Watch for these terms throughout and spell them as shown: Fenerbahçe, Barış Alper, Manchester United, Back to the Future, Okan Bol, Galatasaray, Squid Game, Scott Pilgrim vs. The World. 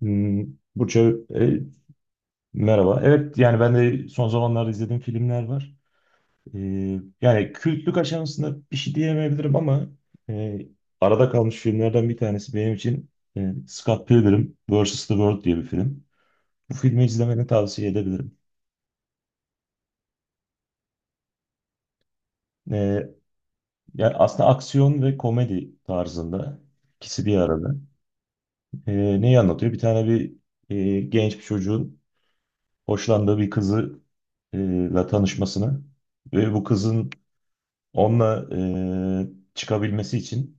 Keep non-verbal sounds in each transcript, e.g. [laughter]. Hmm, Burça, merhaba. Evet, yani ben de son zamanlarda izlediğim filmler var. E, Yani kültlük aşamasında bir şey diyemeyebilirim ama e, arada kalmış filmlerden bir tanesi benim için Scott Pilgrim vs. The World diye bir film. Bu filmi izlemeni tavsiye edebilirim. E, Yani aslında aksiyon ve komedi tarzında ikisi bir arada. Neyi anlatıyor? Bir genç bir çocuğun hoşlandığı bir kızı ile tanışmasını ve bu kızın onunla çıkabilmesi için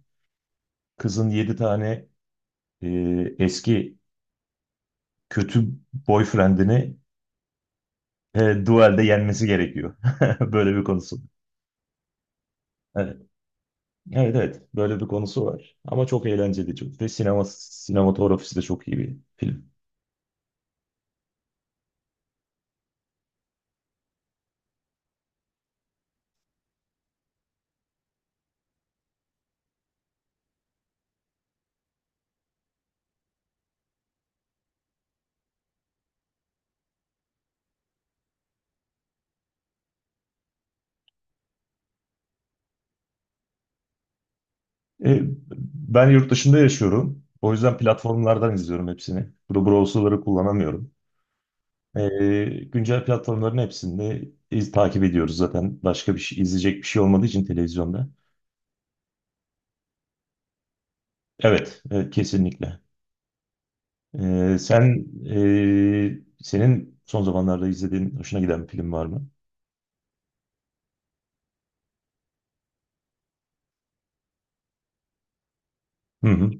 kızın 7 tane e, eski kötü boyfriendini e, duelde yenmesi gerekiyor. [laughs] Böyle bir konusu. Evet, evet. Böyle bir konusu var. Ama çok eğlenceli çok. Ve sinematografisi de çok iyi bir film. E, Ben yurt dışında yaşıyorum. O yüzden platformlardan izliyorum hepsini. Bu browserları kullanamıyorum. E, Güncel platformların hepsinde takip ediyoruz zaten. Başka bir şey, izleyecek bir şey olmadığı için televizyonda. Evet, evet kesinlikle. Sen, senin son zamanlarda izlediğin hoşuna giden bir film var mı? Hı hı.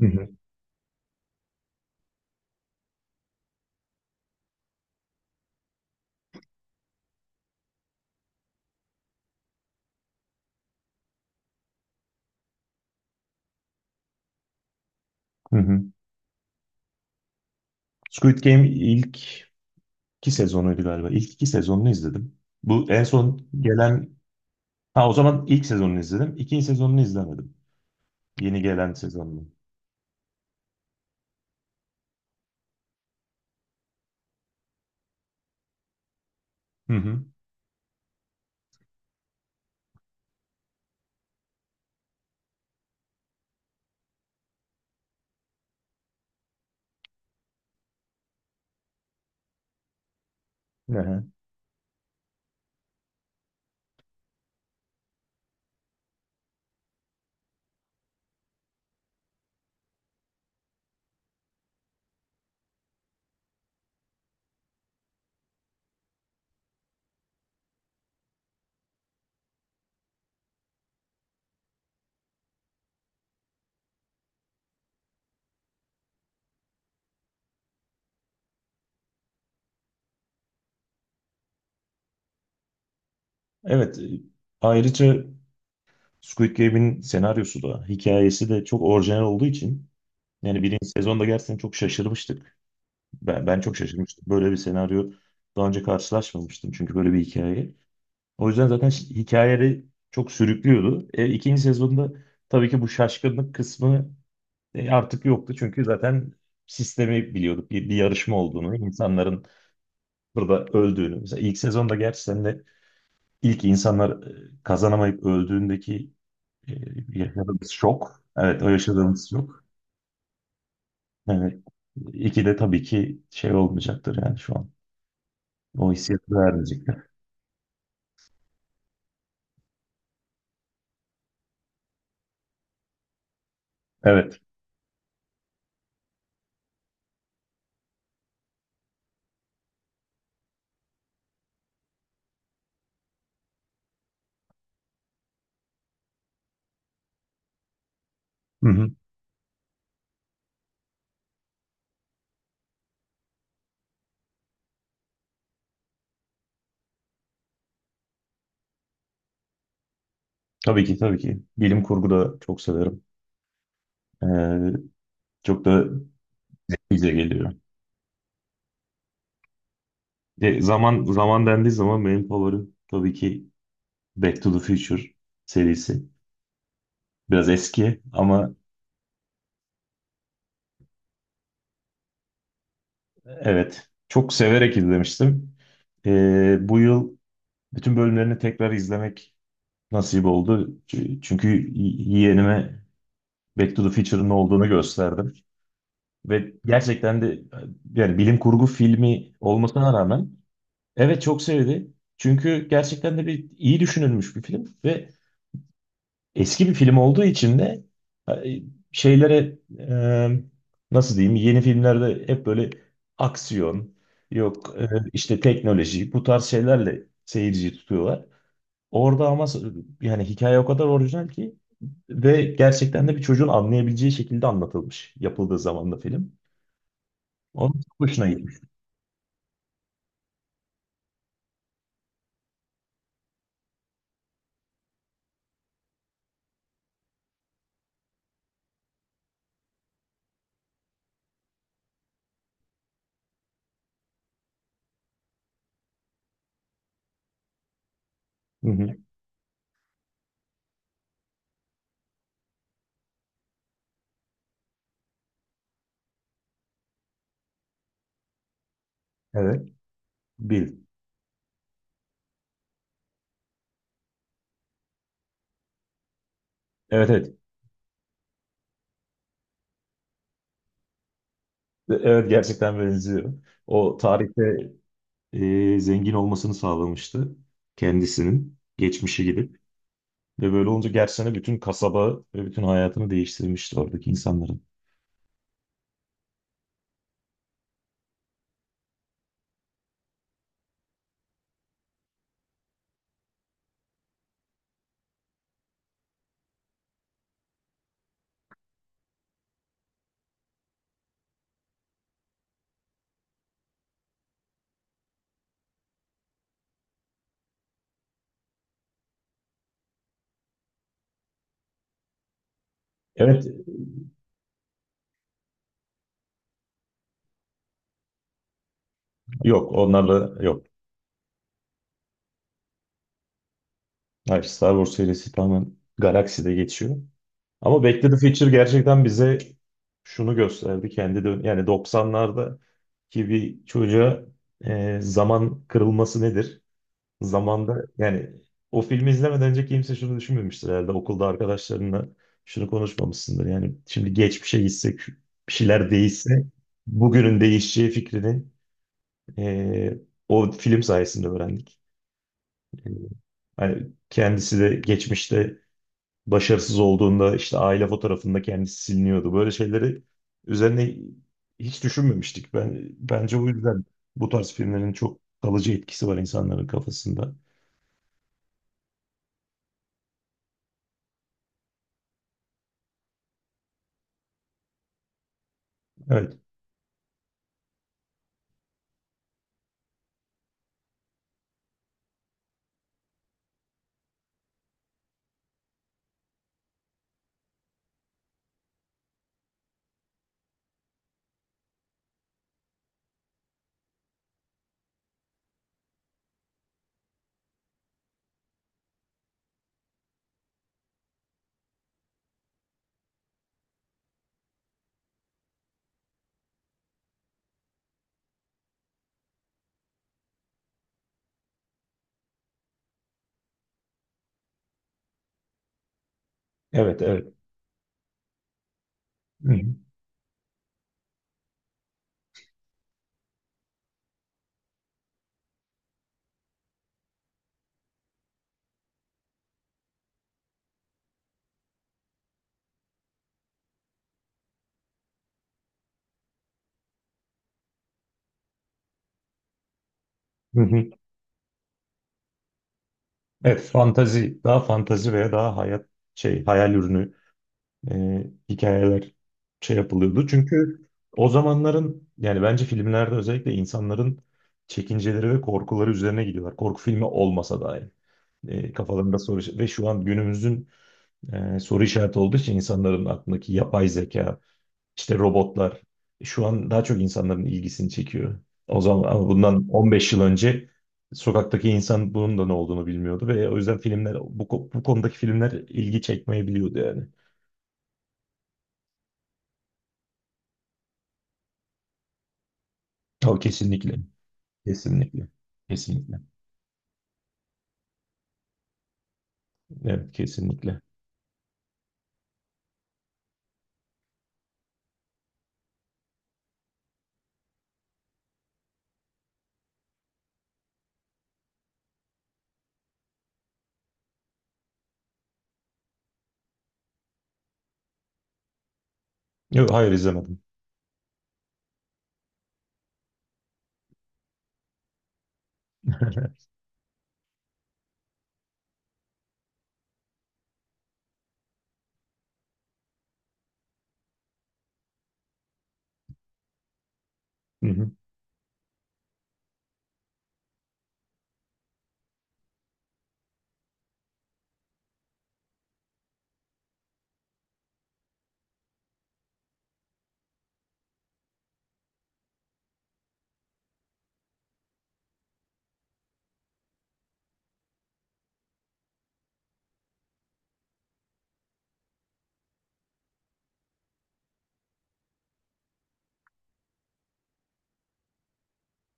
Hı hı. Hı hı. Squid Game ilk iki sezonuydu galiba. İlk iki sezonunu izledim. Bu en son gelen... Ha o zaman ilk sezonunu izledim. İkinci sezonunu izlemedim. Yeni gelen sezonunu. Hı hı. Aha. Evet. Ayrıca Squid Game'in senaryosu da, hikayesi de çok orijinal olduğu için yani birinci sezonda gerçekten çok şaşırmıştık. Ben çok şaşırmıştım. Böyle bir senaryo daha önce karşılaşmamıştım çünkü böyle bir hikaye. O yüzden zaten hikayeleri çok sürüklüyordu. İkinci sezonda tabii ki bu şaşkınlık kısmı artık yoktu. Çünkü zaten sistemi biliyorduk. Bir yarışma olduğunu, insanların burada öldüğünü. Mesela ilk sezonda gerçi sen de ilk insanlar kazanamayıp öldüğündeki e, yaşadığımız şok. Evet, o yaşadığımız şok. Yani iki de tabii ki şey olmayacaktır yani şu an. O hissiyatı vermeyecek. Evet. Hı hı. Tabii ki tabii ki. Bilim kurgu da çok severim. Ee, Çok da bize geliyor. Zaman zaman dendiği zaman benim favorim tabii ki Back to the Future serisi. Biraz eski ama evet çok severek izlemiştim. Bu yıl bütün bölümlerini tekrar izlemek nasip oldu. Çünkü yeğenime Back to the Future'ın ne olduğunu gösterdim. Ve gerçekten de yani bilim kurgu filmi olmasına rağmen evet çok sevdi. Çünkü gerçekten de bir iyi düşünülmüş bir film ve eski bir film olduğu için de e, şeylere nasıl diyeyim, yeni filmlerde hep böyle aksiyon yok, işte teknoloji bu tarz şeylerle seyirciyi tutuyorlar. Orada ama yani hikaye o kadar orijinal ki ve gerçekten de bir çocuğun anlayabileceği şekilde anlatılmış yapıldığı zaman da film. Onun çok hoşuna gitmiş. Hı hı. Evet. Bil. Evet evet. Evet gerçekten benziyor. O tarihte zengin olmasını sağlamıştı kendisinin geçmişe gidip ve böyle olunca gerçekten bütün kasaba ve bütün hayatını değiştirmişti oradaki insanların. Evet yok onlarla yok. Hayır, Star Wars serisi tamamen galakside geçiyor. Ama Back to the Future gerçekten bize şunu gösterdi kendi dön yani 90'larda ki bir çocuğa zaman kırılması nedir? Zamanda yani o filmi izlemeden önce kimse şunu düşünmemiştir herhalde. Okulda arkadaşlarınla şunu konuşmamışsındır. Yani şimdi geçmişe gitsek bir şeyler değişse bugünün değişeceği fikrini eee, o film sayesinde öğrendik. Eee, Hani kendisi de geçmişte başarısız olduğunda işte aile fotoğrafında kendisi siliniyordu. Böyle şeyleri üzerine hiç düşünmemiştik. Ben bence o yüzden bu tarz filmlerin çok kalıcı etkisi var insanların kafasında. Evet. Evet, evet. Hı hı. Hı hı. Evet, fantazi, daha fantazi veya daha hayat şey hayal ürünü hikayeler şey yapılıyordu. Çünkü o zamanların yani bence filmlerde özellikle insanların çekinceleri ve korkuları üzerine gidiyorlar. Korku filmi olmasa dahi. Kafalarında soru ve şu an günümüzün soru işareti olduğu için insanların aklındaki yapay zeka, İşte robotlar şu an daha çok insanların ilgisini çekiyor. O zaman ama bundan 15 yıl önce sokaktaki insan bunun da ne olduğunu bilmiyordu ve o yüzden filmler bu konudaki filmler ilgi çekmeyebiliyordu yani. O kesinlikle. Kesinlikle. Kesinlikle. Evet kesinlikle. Yok hayır izlemedim. Hı hı.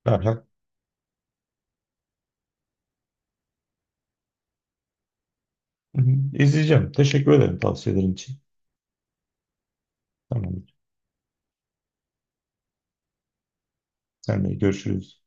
Aha. Hı hı. İzleyeceğim. Teşekkür ederim tavsiyelerin için. Tamam. Senle görüşürüz.